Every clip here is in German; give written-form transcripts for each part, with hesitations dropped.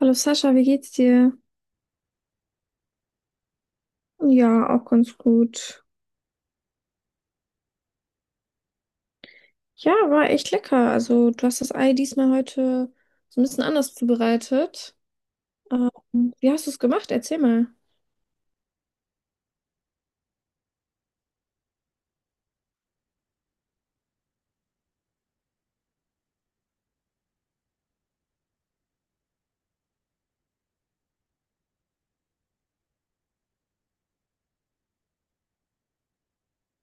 Hallo Sascha, wie geht's dir? Ja, auch ganz gut. Ja, war echt lecker. Also, du hast das Ei diesmal heute so ein bisschen anders zubereitet. Ähm, wie hast du es gemacht? Erzähl mal.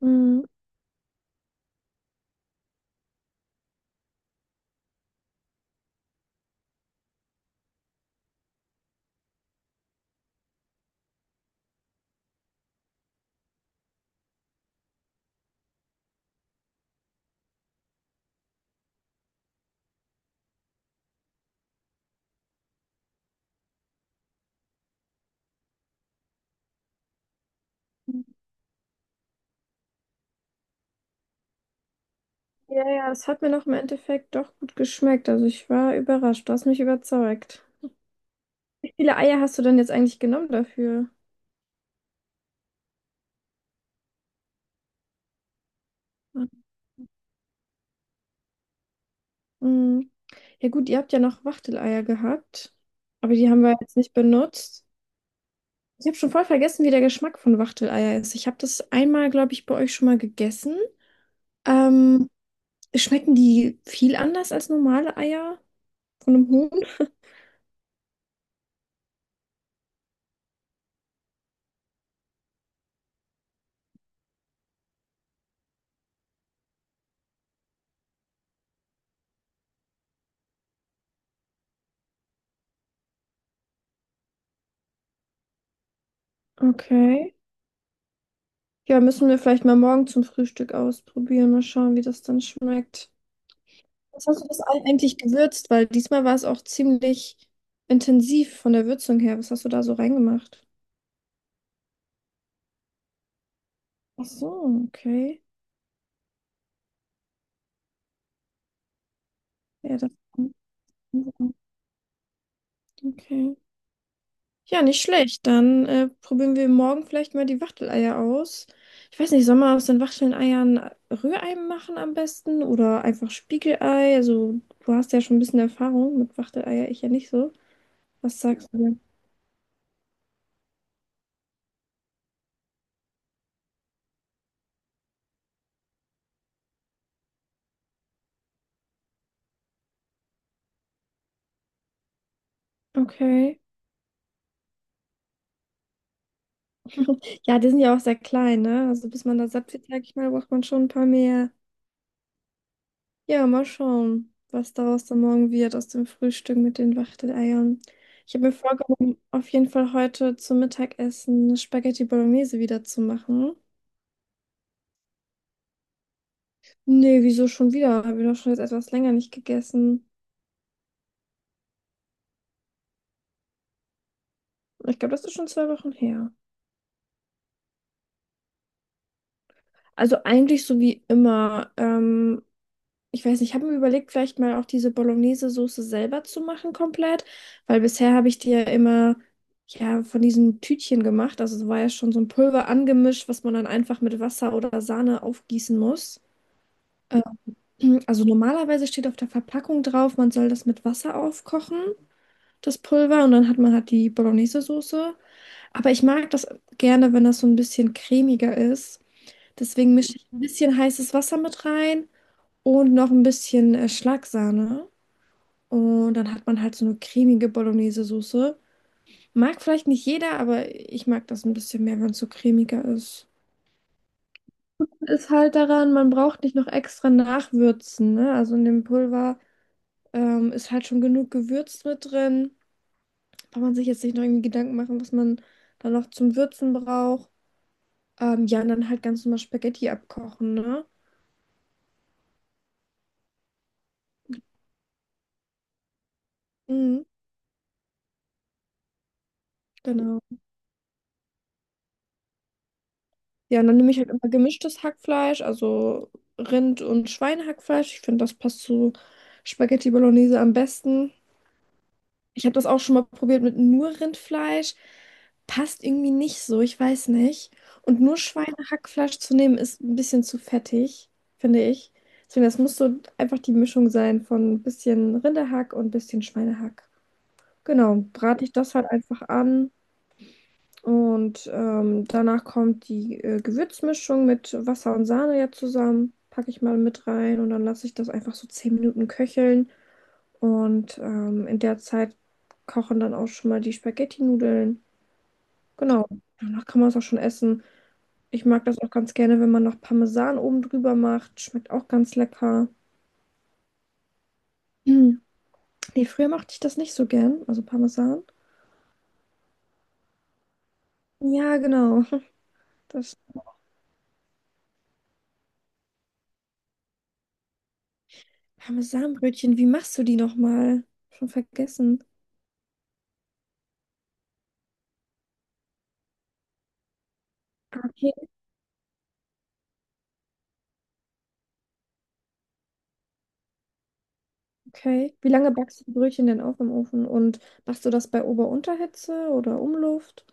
Mhm. Ja, ja, es hat mir noch im Endeffekt doch gut geschmeckt. Also, ich war überrascht. Du hast mich überzeugt. Wie viele Eier hast du denn jetzt eigentlich genommen dafür? Mhm. Ja, gut, ihr habt ja noch Wachteleier gehabt, aber die haben wir jetzt nicht benutzt. Ich habe schon voll vergessen, wie der Geschmack von Wachteleier ist. Ich habe das einmal, glaube ich, bei euch schon mal gegessen. Ähm, schmecken die viel anders als normale Eier von einem Huhn? Okay. Ja, müssen wir vielleicht mal morgen zum Frühstück ausprobieren. Mal schauen, wie das dann schmeckt. Was hast du das Ei eigentlich gewürzt? Weil diesmal war es auch ziemlich intensiv von der Würzung her. Was hast du da so reingemacht? Ach so, okay. Ja, das. Okay. Ja, nicht schlecht. Dann probieren wir morgen vielleicht mal die Wachteleier aus. Ich weiß nicht, soll man aus den Wachteleiern Rührei machen am besten oder einfach Spiegelei? Also, du hast ja schon ein bisschen Erfahrung mit Wachteleier, ich ja nicht so. Was sagst du denn? Okay. Ja, die sind ja auch sehr klein, ne? Also, bis man da satt wird, sag ich mal, braucht man schon ein paar mehr. Ja, mal schauen, was daraus dann morgen wird aus dem Frühstück mit den Wachteleiern. Ich habe mir vorgenommen, auf jeden Fall heute zum Mittagessen Spaghetti Bolognese wieder zu machen. Nee, wieso schon wieder? Habe ich doch schon jetzt etwas länger nicht gegessen. Ich glaube, das ist schon 2 Wochen her. Also eigentlich so wie immer. Ich weiß nicht, ich habe mir überlegt, vielleicht mal auch diese Bolognese-Soße selber zu machen komplett, weil bisher habe ich die ja immer ja, von diesen Tütchen gemacht. Also es war ja schon so ein Pulver angemischt, was man dann einfach mit Wasser oder Sahne aufgießen muss. Ähm, Also normalerweise steht auf der Verpackung drauf, man soll das mit Wasser aufkochen, das Pulver, und dann hat man halt die Bolognese-Soße. Aber ich mag das gerne, wenn das so ein bisschen cremiger ist. Deswegen mische ich ein bisschen heißes Wasser mit rein und noch ein bisschen Schlagsahne. Und dann hat man halt so eine cremige Bolognese-Soße. Mag vielleicht nicht jeder, aber ich mag das ein bisschen mehr, wenn es so cremiger ist. Ist halt daran, man braucht nicht noch extra nachwürzen, ne? Also in dem Pulver ist halt schon genug Gewürz mit drin. Braucht man sich jetzt nicht noch irgendwie Gedanken machen, was man da noch zum Würzen braucht. Ja, und dann halt ganz normal Spaghetti abkochen, ne? Mhm, genau. Ja, und dann nehme ich halt immer gemischtes Hackfleisch, also Rind- und Schweinehackfleisch. Ich finde, das passt zu Spaghetti Bolognese am besten. Ich habe das auch schon mal probiert mit nur Rindfleisch. Passt irgendwie nicht so, ich weiß nicht. Und nur Schweinehackfleisch zu nehmen, ist ein bisschen zu fettig, finde ich. Deswegen, das muss so einfach die Mischung sein von ein bisschen Rinderhack und ein bisschen Schweinehack. Genau, brate ich das halt einfach an. Und danach kommt die Gewürzmischung mit Wasser und Sahne ja zusammen. Packe ich mal mit rein und dann lasse ich das einfach so 10 Minuten köcheln. Und in der Zeit kochen dann auch schon mal die Spaghetti-Nudeln. Genau. Danach kann man es auch schon essen. Ich mag das auch ganz gerne, wenn man noch Parmesan oben drüber macht. Schmeckt auch ganz lecker. Hm. Nee, früher mochte ich das nicht so gern, also Parmesan. Ja, genau. Das Parmesanbrötchen, wie machst du die nochmal? Schon vergessen. Ah, okay. Wie lange backst du die Brötchen denn auf im Ofen? Und machst du das bei Ober-Unterhitze oder Umluft?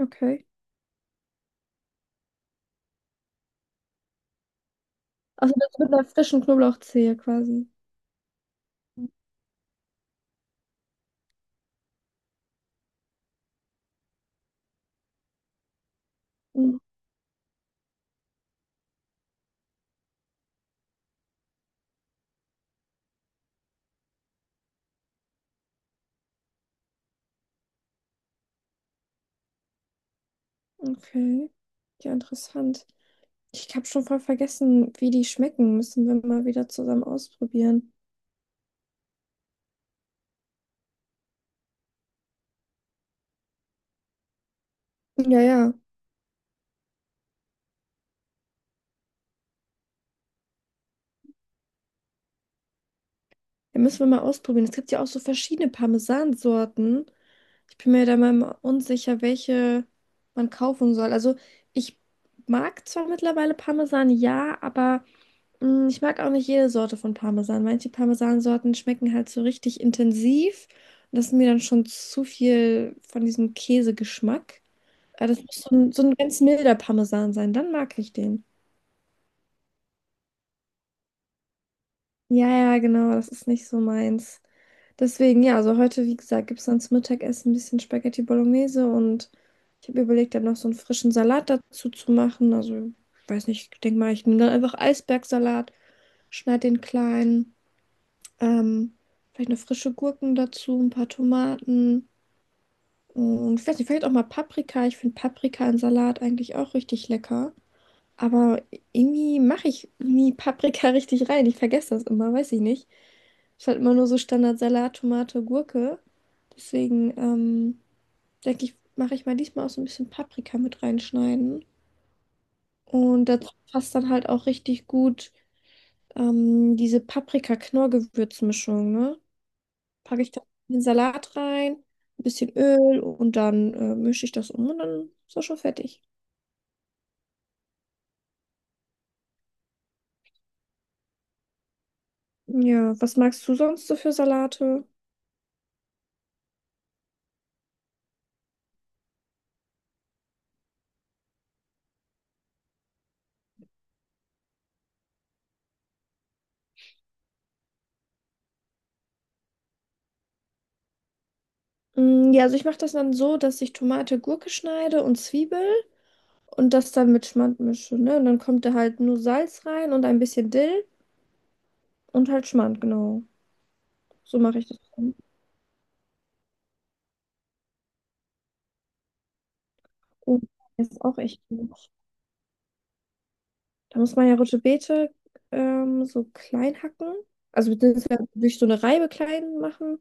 Okay. Also das mit einer frischen Knoblauchzehe quasi. Mhm. Okay. Ja, interessant. Ich habe schon voll vergessen, wie die schmecken. Müssen wir mal wieder zusammen ausprobieren. Ja, ja. Ja, müssen wir mal ausprobieren. Es gibt ja auch so verschiedene Parmesansorten. Ich bin mir da mal unsicher, welche man kaufen soll. Also ich mag zwar mittlerweile Parmesan, ja, aber. Ich mag auch nicht jede Sorte von Parmesan. Manche Parmesansorten schmecken halt so richtig intensiv. Und das ist mir dann schon zu viel von diesem Käsegeschmack. Aber das muss so ein ganz milder Parmesan sein. Dann mag ich den. Ja, ja, genau. Das ist nicht so meins. Deswegen, ja, also heute, wie gesagt, gibt es dann zum Mittagessen ein bisschen Spaghetti Bolognese und ich habe überlegt, dann noch so einen frischen Salat dazu zu machen. Also, ich weiß nicht, ich denke mal, ich nehme dann einfach Eisbergsalat, schneide den klein. Ähm, vielleicht noch frische Gurken dazu, ein paar Tomaten und ich weiß nicht, vielleicht auch mal Paprika. Ich finde Paprika in Salat eigentlich auch richtig lecker. Aber irgendwie mache ich nie Paprika richtig rein. Ich vergesse das immer, weiß ich nicht. Ist halt immer nur so Standard-Salat, Tomate, Gurke. Deswegen denke ich, mache ich mal diesmal auch so ein bisschen Paprika mit reinschneiden. Und dazu passt dann halt auch richtig gut diese Paprika-Knorr-Gewürzmischung, ne? Packe ich dann den Salat rein, ein bisschen Öl und dann mische ich das um und dann ist das schon fertig. Ja, was magst du sonst so für Salate? Mm, ja, also ich mache das dann so, dass ich Tomate, Gurke schneide und Zwiebel und das dann mit Schmand mische, ne? Und dann kommt da halt nur Salz rein und ein bisschen Dill und halt Schmand, genau. So mache ich das dann. Und das ist auch echt gut. Da muss man ja Rote Beete so klein hacken. Also beziehungsweise durch so eine Reibe klein machen.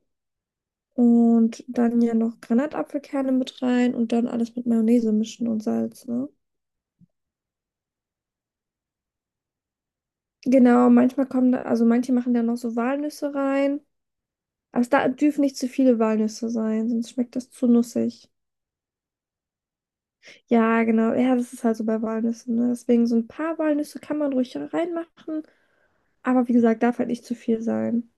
Und dann ja noch Granatapfelkerne mit rein und dann alles mit Mayonnaise mischen und Salz, ne? Genau, manchmal kommen da, also manche machen da noch so Walnüsse rein. Aber es da dürfen nicht zu viele Walnüsse sein, sonst schmeckt das zu nussig. Ja, genau. Ja, das ist halt so bei Walnüssen, ne? Deswegen so ein paar Walnüsse kann man ruhig reinmachen. Aber wie gesagt, darf halt nicht zu viel sein.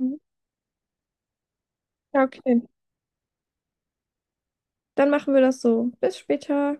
Mhm. Ja, okay. Dann machen wir das so. Bis später.